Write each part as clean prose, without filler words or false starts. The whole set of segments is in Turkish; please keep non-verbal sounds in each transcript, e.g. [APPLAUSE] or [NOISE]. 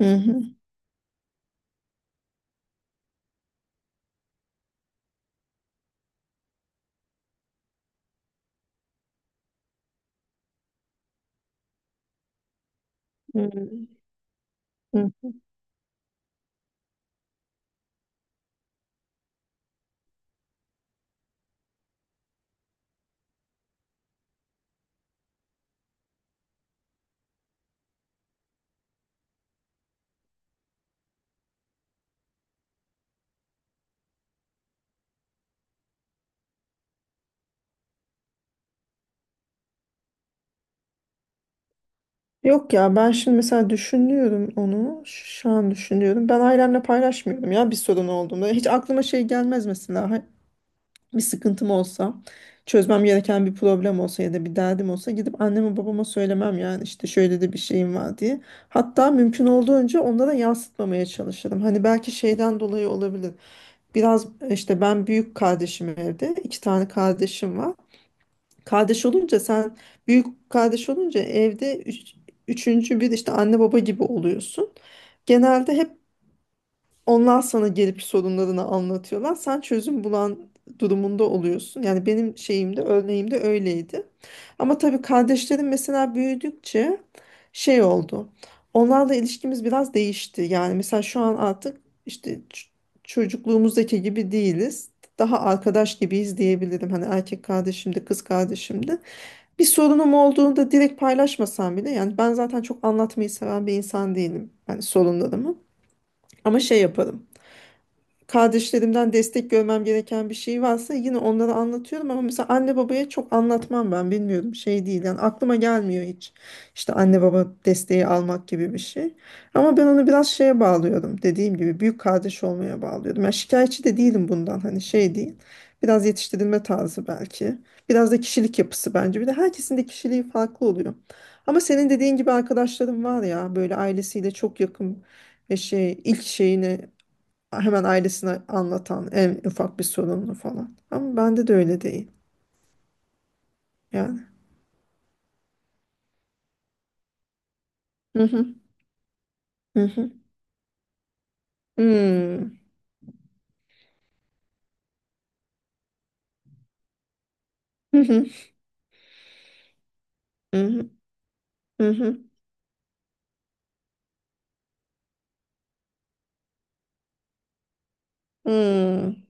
Hı hı. Hı hı. Yok ya ben şimdi mesela düşünüyorum onu. Şu an düşünüyorum. Ben ailemle paylaşmıyorum ya bir sorun olduğunda. Hiç aklıma şey gelmez mesela. Bir sıkıntım olsa, çözmem gereken bir problem olsa ya da bir derdim olsa gidip anneme babama söylemem yani işte şöyle de bir şeyim var diye. Hatta mümkün olduğunca onlara yansıtmamaya çalışırım. Hani belki şeyden dolayı olabilir. Biraz işte ben büyük kardeşim evde. 2 tane kardeşim var. Kardeş olunca sen büyük kardeş olunca evde üçüncü bir işte anne baba gibi oluyorsun. Genelde hep onlar sana gelip sorunlarını anlatıyorlar. Sen çözüm bulan durumunda oluyorsun. Yani benim şeyimde, örneğimde öyleydi. Ama tabii kardeşlerim mesela büyüdükçe şey oldu. Onlarla ilişkimiz biraz değişti. Yani mesela şu an artık işte çocukluğumuzdaki gibi değiliz. Daha arkadaş gibiyiz diyebilirim. Hani erkek kardeşim de kız kardeşim de. Bir sorunum olduğunda direkt paylaşmasam bile yani ben zaten çok anlatmayı seven bir insan değilim. Yani sorunlarımı. Ama şey yaparım, kardeşlerimden destek görmem gereken bir şey varsa yine onlara anlatıyorum ama mesela anne babaya çok anlatmam ben, bilmiyorum, şey değil yani, aklıma gelmiyor hiç işte anne baba desteği almak gibi bir şey. Ama ben onu biraz şeye bağlıyorum, dediğim gibi büyük kardeş olmaya bağlıyorum. Yani şikayetçi de değilim bundan, hani şey değil, biraz yetiştirilme tarzı belki, biraz da kişilik yapısı bence. Bir de herkesin de kişiliği farklı oluyor ama senin dediğin gibi arkadaşlarım var ya böyle ailesiyle çok yakın ve şey, ilk şeyini hemen ailesine anlatan, en ufak bir sorununu falan. Ama bende de öyle değil yani. Hı hı, hı hı. Hmm. Hı hı, hı hı, hı hı. Hmm.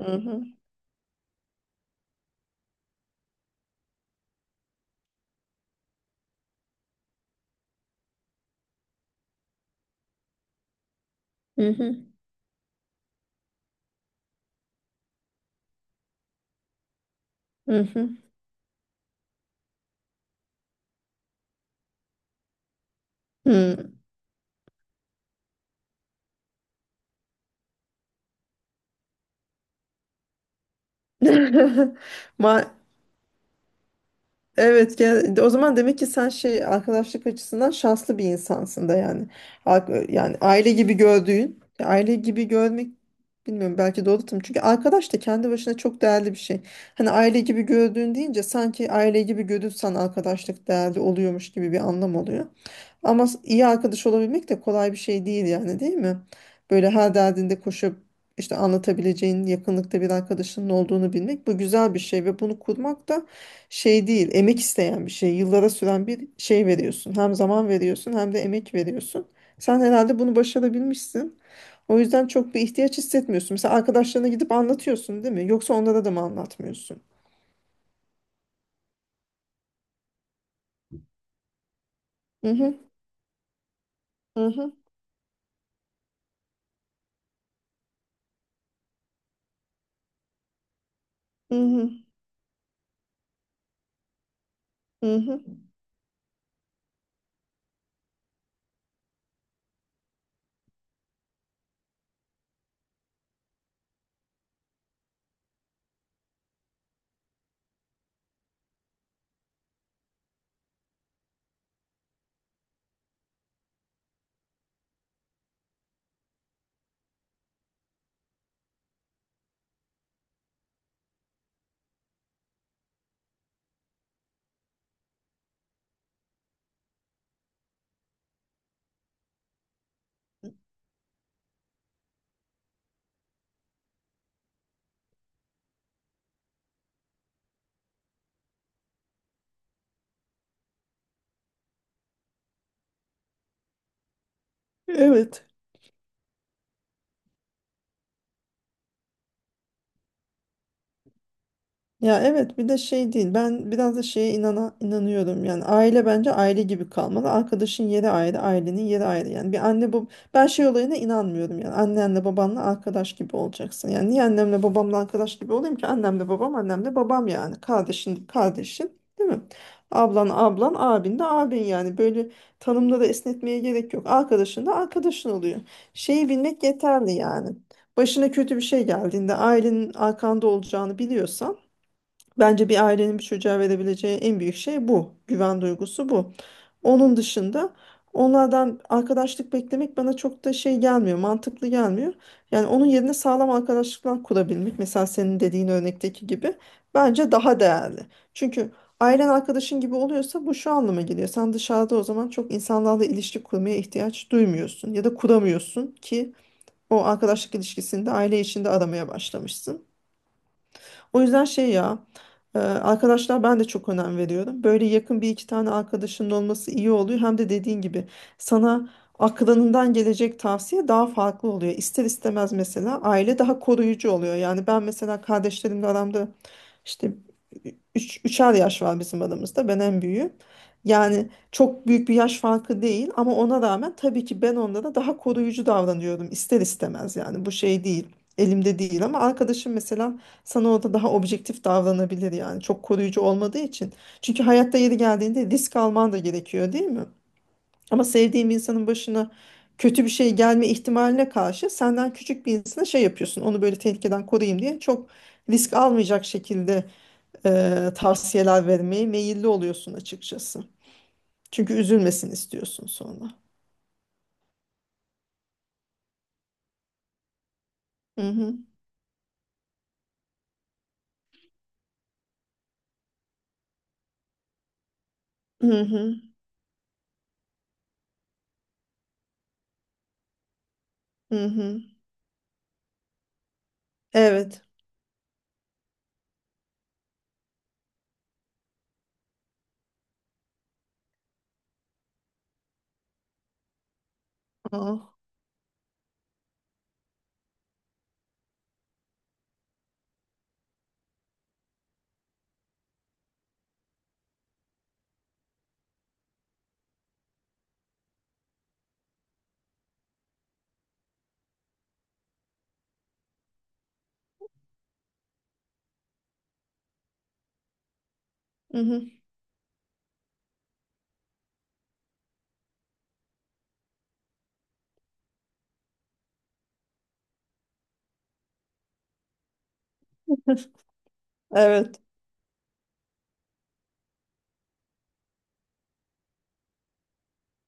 Hı hı, hı hı, hı hı. Hmm. [LAUGHS] Ma- Evet, o zaman demek ki sen şey, arkadaşlık açısından şanslı bir insansın da yani. Yani aile gibi gördüğün, aile gibi görmek, bilmiyorum, belki doğru tanım. Çünkü arkadaş da kendi başına çok değerli bir şey. Hani "aile gibi gördüğün" deyince sanki aile gibi görürsen arkadaşlık değerli oluyormuş gibi bir anlam oluyor. Ama iyi arkadaş olabilmek de kolay bir şey değil yani, değil mi? Böyle her derdinde koşup işte anlatabileceğin yakınlıkta bir arkadaşının olduğunu bilmek, bu güzel bir şey ve bunu kurmak da şey değil, emek isteyen bir şey. Yıllara süren bir şey, veriyorsun. Hem zaman veriyorsun hem de emek veriyorsun. Sen herhalde bunu başarabilmişsin. O yüzden çok bir ihtiyaç hissetmiyorsun. Mesela arkadaşlarına gidip anlatıyorsun değil mi? Yoksa onlara da mı anlatmıyorsun? Hı hı, hı hı, hı hı, hı hı. Evet. Ya evet, bir de şey değil, ben biraz da şeye inanıyorum yani, aile bence aile gibi kalmalı, arkadaşın yeri ayrı, ailenin yeri ayrı. Yani bir anne, bu, ben şey olayına inanmıyorum yani annenle babanla arkadaş gibi olacaksın. Yani niye annemle babamla arkadaş gibi olayım ki? Annemle babam annemle babam yani, kardeşin kardeşin, değil mi, ablan ablan, abin de abin. Yani böyle tanımları esnetmeye gerek yok, arkadaşın da arkadaşın oluyor. Şeyi bilmek yeterli yani, başına kötü bir şey geldiğinde ailenin arkanda olacağını biliyorsan. Bence bir ailenin bir çocuğa verebileceği en büyük şey bu. Güven duygusu bu. Onun dışında onlardan arkadaşlık beklemek bana çok da şey gelmiyor, mantıklı gelmiyor. Yani onun yerine sağlam arkadaşlıklar kurabilmek, mesela senin dediğin örnekteki gibi, bence daha değerli. Çünkü ailen arkadaşın gibi oluyorsa bu şu anlama geliyor: sen dışarıda o zaman çok insanlarla ilişki kurmaya ihtiyaç duymuyorsun ya da kuramıyorsun ki o arkadaşlık ilişkisini de aile içinde aramaya başlamışsın. O yüzden şey ya, arkadaşlar, ben de çok önem veriyorum. Böyle yakın bir iki tane arkadaşının olması iyi oluyor. Hem de dediğin gibi sana aklından gelecek tavsiye daha farklı oluyor. İster istemez mesela aile daha koruyucu oluyor. Yani ben mesela kardeşlerimle aramda işte 3'er yaş var bizim aramızda. Ben en büyüğüm. Yani çok büyük bir yaş farkı değil ama ona rağmen tabii ki ben onlara daha koruyucu davranıyorum ister istemez. Yani bu şey değil, elimde değil. Ama arkadaşım mesela sana, o da daha objektif davranabilir yani, çok koruyucu olmadığı için. Çünkü hayatta yeri geldiğinde risk alman da gerekiyor, değil mi? Ama sevdiğim insanın başına kötü bir şey gelme ihtimaline karşı, senden küçük bir insana şey yapıyorsun, onu böyle tehlikeden koruyayım diye çok risk almayacak şekilde e, tavsiyeler vermeye meyilli oluyorsun açıkçası. Çünkü üzülmesin istiyorsun sonra. Hı hı. Hı hı. Hı hı. Evet. Aa. Hı hı. [LAUGHS] Evet.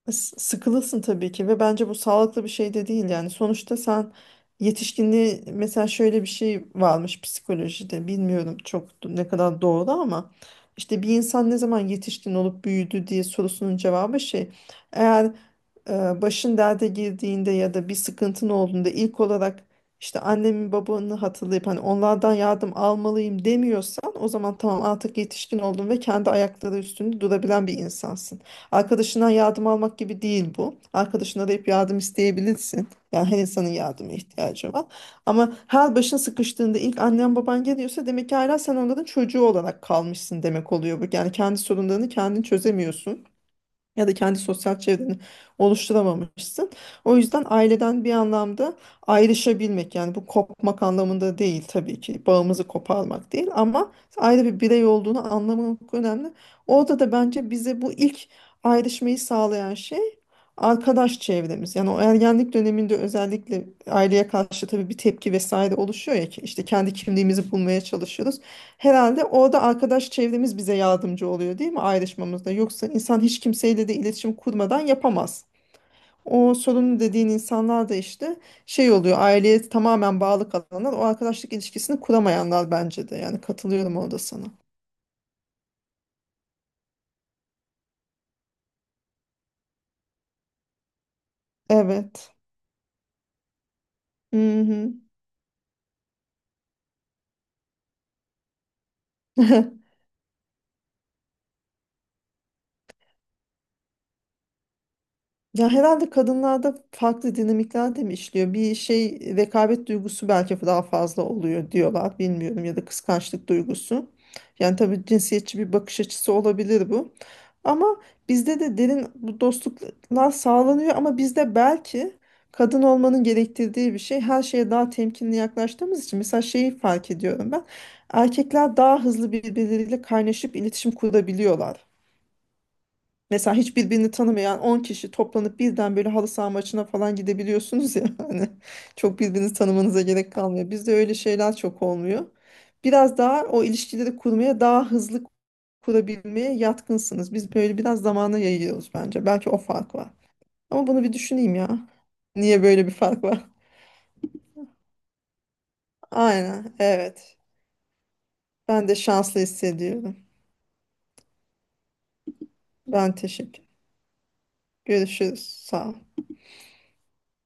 Sıkılırsın tabii ki ve bence bu sağlıklı bir şey de değil yani, sonuçta sen yetişkinliği, mesela şöyle bir şey varmış psikolojide, bilmiyorum çok ne kadar doğru ama işte, bir insan ne zaman yetişkin olup büyüdü diye sorusunun cevabı şey, eğer başın derde girdiğinde ya da bir sıkıntın olduğunda ilk olarak işte annemi babanı hatırlayıp hani onlardan yardım almalıyım demiyorsan, o zaman tamam, artık yetişkin oldun ve kendi ayakları üstünde durabilen bir insansın. Arkadaşından yardım almak gibi değil bu. Arkadaşına arayıp yardım isteyebilirsin. Yani her insanın yardıma ihtiyacı var. Ama her başın sıkıştığında ilk annen baban geliyorsa, demek ki hala sen onların çocuğu olarak kalmışsın, demek oluyor bu. Yani kendi sorunlarını kendin çözemiyorsun ya da kendi sosyal çevreni oluşturamamışsın. O yüzden aileden bir anlamda ayrışabilmek, yani bu kopmak anlamında değil tabii ki, bağımızı koparmak değil ama ayrı bir birey olduğunu anlamak önemli. Orada da bence bize bu ilk ayrışmayı sağlayan şey arkadaş çevremiz. Yani o ergenlik döneminde özellikle aileye karşı tabii bir tepki vesaire oluşuyor ya, ki işte kendi kimliğimizi bulmaya çalışıyoruz. Herhalde orada arkadaş çevremiz bize yardımcı oluyor, değil mi, ayrışmamızda? Yoksa insan hiç kimseyle de iletişim kurmadan yapamaz. O sorunlu dediğin insanlar da işte şey oluyor, aileye tamamen bağlı kalanlar, o arkadaşlık ilişkisini kuramayanlar, bence de yani, katılıyorum orada sana. Evet. Hı hı. [LAUGHS] Ya herhalde kadınlarda farklı dinamikler de mi işliyor? Bir şey, rekabet duygusu belki daha fazla oluyor diyorlar. Bilmiyorum, ya da kıskançlık duygusu. Yani tabii cinsiyetçi bir bakış açısı olabilir bu. Ama bizde de derin bu dostluklar sağlanıyor ama bizde belki kadın olmanın gerektirdiği bir şey, her şeye daha temkinli yaklaştığımız için, mesela şeyi fark ediyorum ben. Erkekler daha hızlı birbirleriyle kaynaşıp iletişim kurabiliyorlar. Mesela hiç birbirini tanımayan 10 kişi toplanıp birden böyle halı saha maçına falan gidebiliyorsunuz ya, [LAUGHS] hani çok birbirinizi tanımanıza gerek kalmıyor. Bizde öyle şeyler çok olmuyor. Biraz daha o ilişkileri kurmaya, daha hızlı kurabilmeye yatkınsınız. Biz böyle biraz zamana yayıyoruz bence. Belki o fark var. Ama bunu bir düşüneyim ya. Niye böyle bir fark var? [LAUGHS] Aynen, evet. Ben de şanslı hissediyorum. Ben teşekkür. Görüşürüz. Sağ ol.